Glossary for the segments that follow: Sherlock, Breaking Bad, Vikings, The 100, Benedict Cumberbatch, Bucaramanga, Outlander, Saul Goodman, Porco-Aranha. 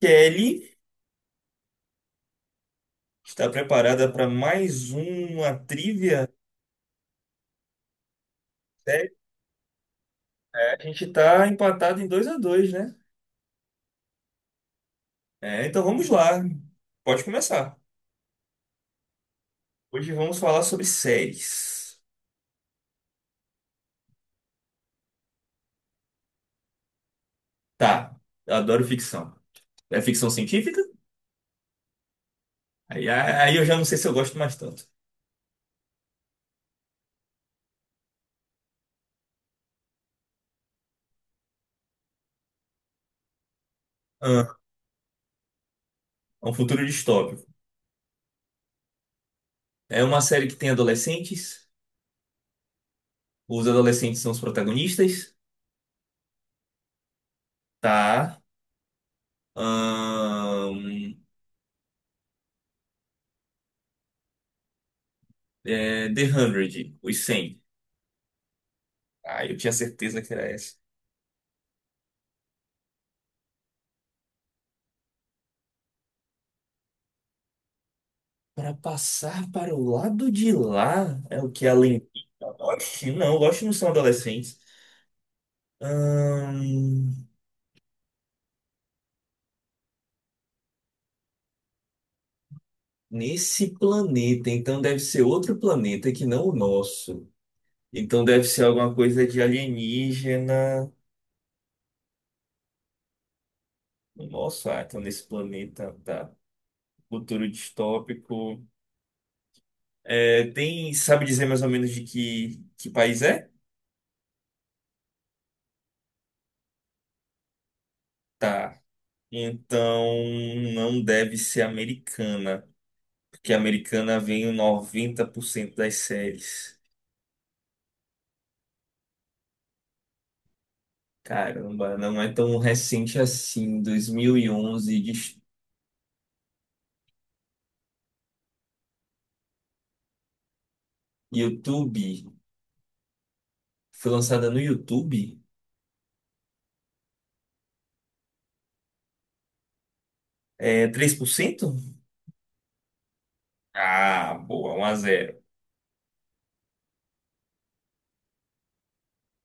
Kelly está preparada para mais uma trivia? É, é, a gente está empatado em 2 a 2, né? É, então vamos lá. Pode começar. Hoje vamos falar sobre séries. Tá, eu adoro ficção. É ficção científica? Aí, eu já não sei se eu gosto mais tanto. Ah, é um futuro distópico. É uma série que tem adolescentes. Os adolescentes são os protagonistas. Tá. Ahn, The 100, os cem. Ah, eu tinha certeza que era essa. Para passar para o lado de lá é o que a lentita. Oxe não são adolescentes. Ahn, nesse planeta, então deve ser outro planeta que não o nosso. Então deve ser alguma coisa de alienígena. Nossa, ah, então nesse planeta, tá. Futuro distópico. É, tem, sabe dizer mais ou menos de que país é? Tá. Então não deve ser americana. Porque a americana vem em 90% das séries. Caramba, não é tão recente assim. 2011 de YouTube. Foi lançada no YouTube? É 3%? Ah, boa, 1-0.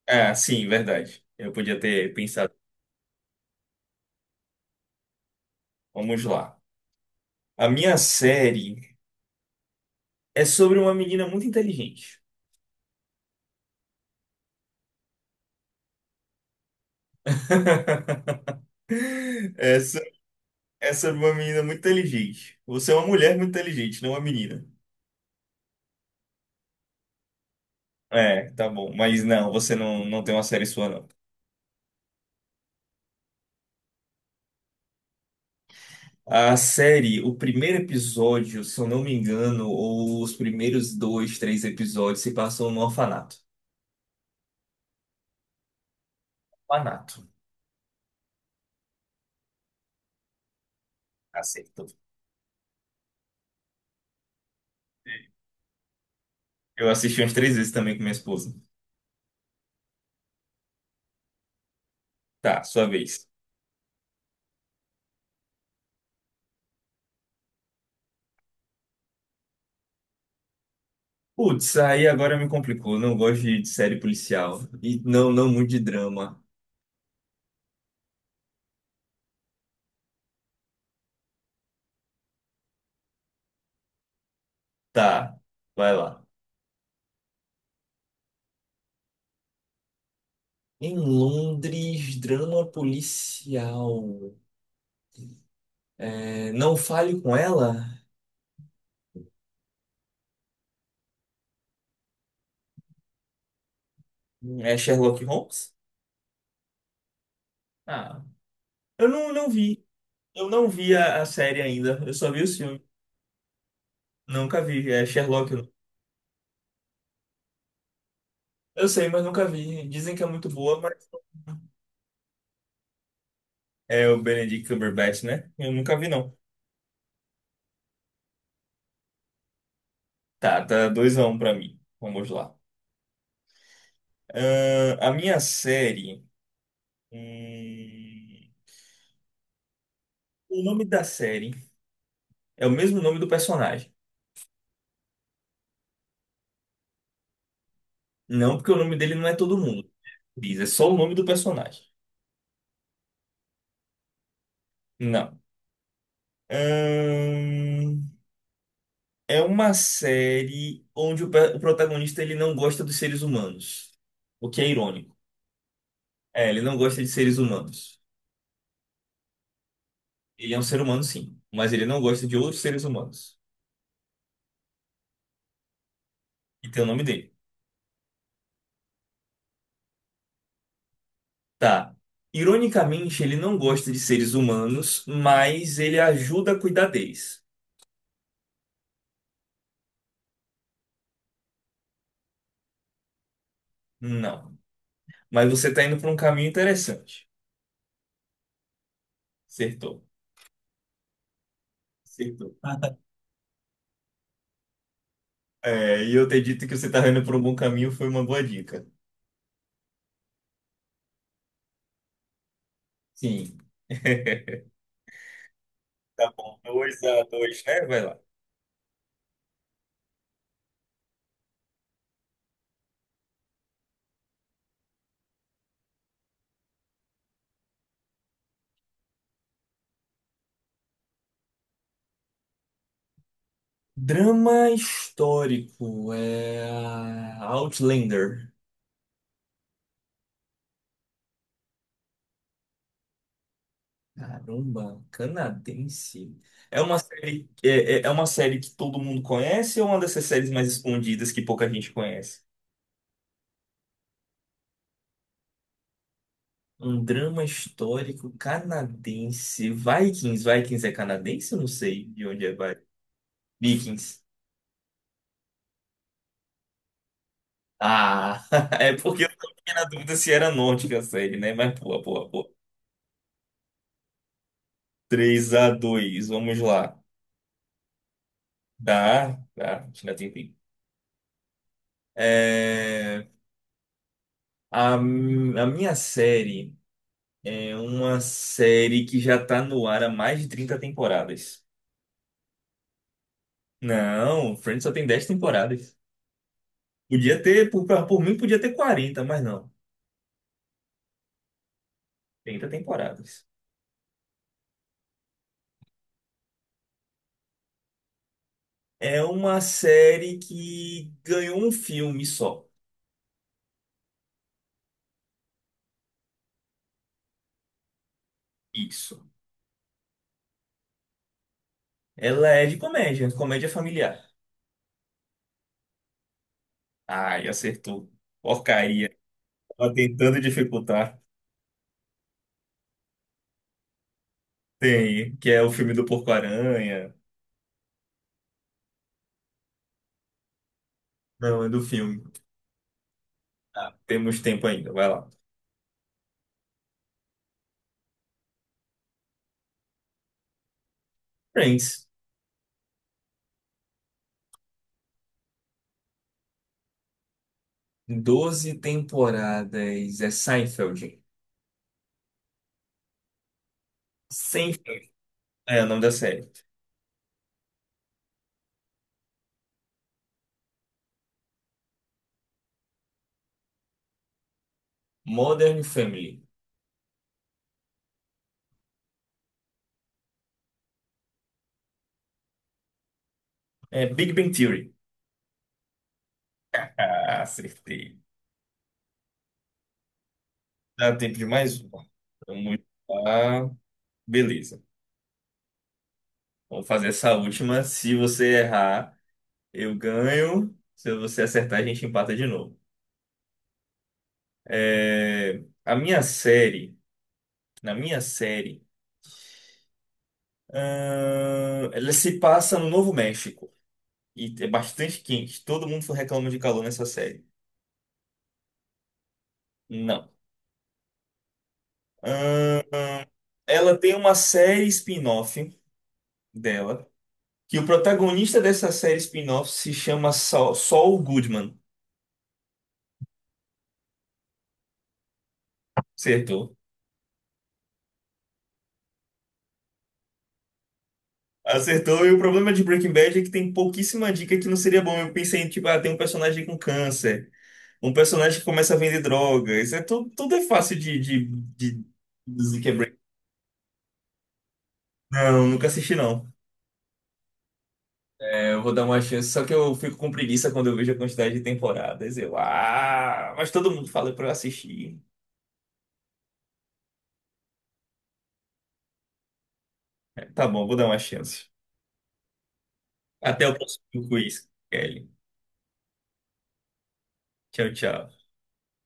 Ah, sim, verdade. Eu podia ter pensado. Vamos lá. A minha série é sobre uma menina muito inteligente. Essa é sobre uma menina muito inteligente. Você é uma mulher muito inteligente, não uma menina. É, tá bom. Mas não, você não, não tem uma série sua, não. A série, o primeiro episódio, se eu não me engano, ou os primeiros dois, três episódios se passam no orfanato. Orfanato. Acertou. Eu assisti umas três vezes também com minha esposa. Tá, sua vez. Putz, aí agora me complicou. Não gosto de série policial. E não, não muito de drama. Tá, vai lá. Em Londres, drama policial. É, não fale com ela? É Sherlock Holmes? Ah, eu não vi. Eu não vi a série ainda. Eu só vi os filmes. Nunca vi. É Sherlock. Não. Eu sei, mas nunca vi. Dizem que é muito boa, mas. É o Benedict Cumberbatch, né? Eu nunca vi, não. Tá, tá 2-1 pra mim. Vamos lá. A minha série. hum, o nome da série é o mesmo nome do personagem. Não, porque o nome dele não é todo mundo. Né? Diz, é só o nome do personagem. Não. Ahn, é uma série onde o protagonista ele não gosta dos seres humanos, o que é irônico. É, ele não gosta de seres humanos. Ele é um ser humano, sim, mas ele não gosta de outros seres humanos. E tem o nome dele. Tá. Ironicamente, ele não gosta de seres humanos, mas ele ajuda a cuidar deles. Não. Mas você tá indo por um caminho interessante. Acertou. Acertou. É, e eu ter dito que você tá indo por um bom caminho foi uma boa dica. Sim. Tá bom. Dois a dois, né? Vai lá. Drama histórico. É Outlander. Caramba, canadense. É uma série, é, é uma série que todo mundo conhece ou uma dessas séries mais escondidas que pouca gente conhece? Um drama histórico canadense. Vikings. Vikings é canadense? Eu não sei de onde é Vi- Vikings. Ah, é porque eu fiquei na dúvida se era nórdica a série, né? Mas pô, pô, pô. 3-2 vamos lá. Tá, tá, ainda tem tempo. É, a minha série é uma série que já tá no ar há mais de 30 temporadas. Não, Friends só tem 10 temporadas. Podia ter, por mim, podia ter 40 mas não. 30 temporadas. É uma série que ganhou um filme só. Isso. Ela é de comédia, comédia familiar. Ai, acertou. Porcaria. Tava tentando dificultar. Tem, que é o filme do Porco-Aranha. Não, é do filme. Tá, temos tempo ainda, vai lá. Friends, 12 temporadas. É Seinfeld. Seinfeld. É o nome da série. Modern Family. É Big Bang Theory. Ah, acertei. Dá tempo de mais uma. Vamos lá. Beleza. Vamos fazer essa última. Se você errar, eu ganho. Se você acertar, a gente empata de novo. É, a minha série. Na minha série. Ela se passa no Novo México. E é bastante quente. Todo mundo reclama de calor nessa série. Não. Ela tem uma série spin-off dela, que o protagonista dessa série spin-off se chama Saul, Saul Goodman. Acertou. Acertou, e o problema de Breaking Bad é que tem pouquíssima dica que não seria bom. Eu pensei, tipo, ah, tem um personagem com câncer, um personagem que começa a vender droga. Isso é tudo, tudo é fácil de dizer que é Breaking Bad. Não, nunca assisti, não. É, eu vou dar uma chance, só que eu fico com preguiça quando eu vejo a quantidade de temporadas. Eu, ah, mas todo mundo fala pra eu assistir. É, tá bom, vou dar uma chance. Até o próximo quiz, Kelly. Tchau, tchau.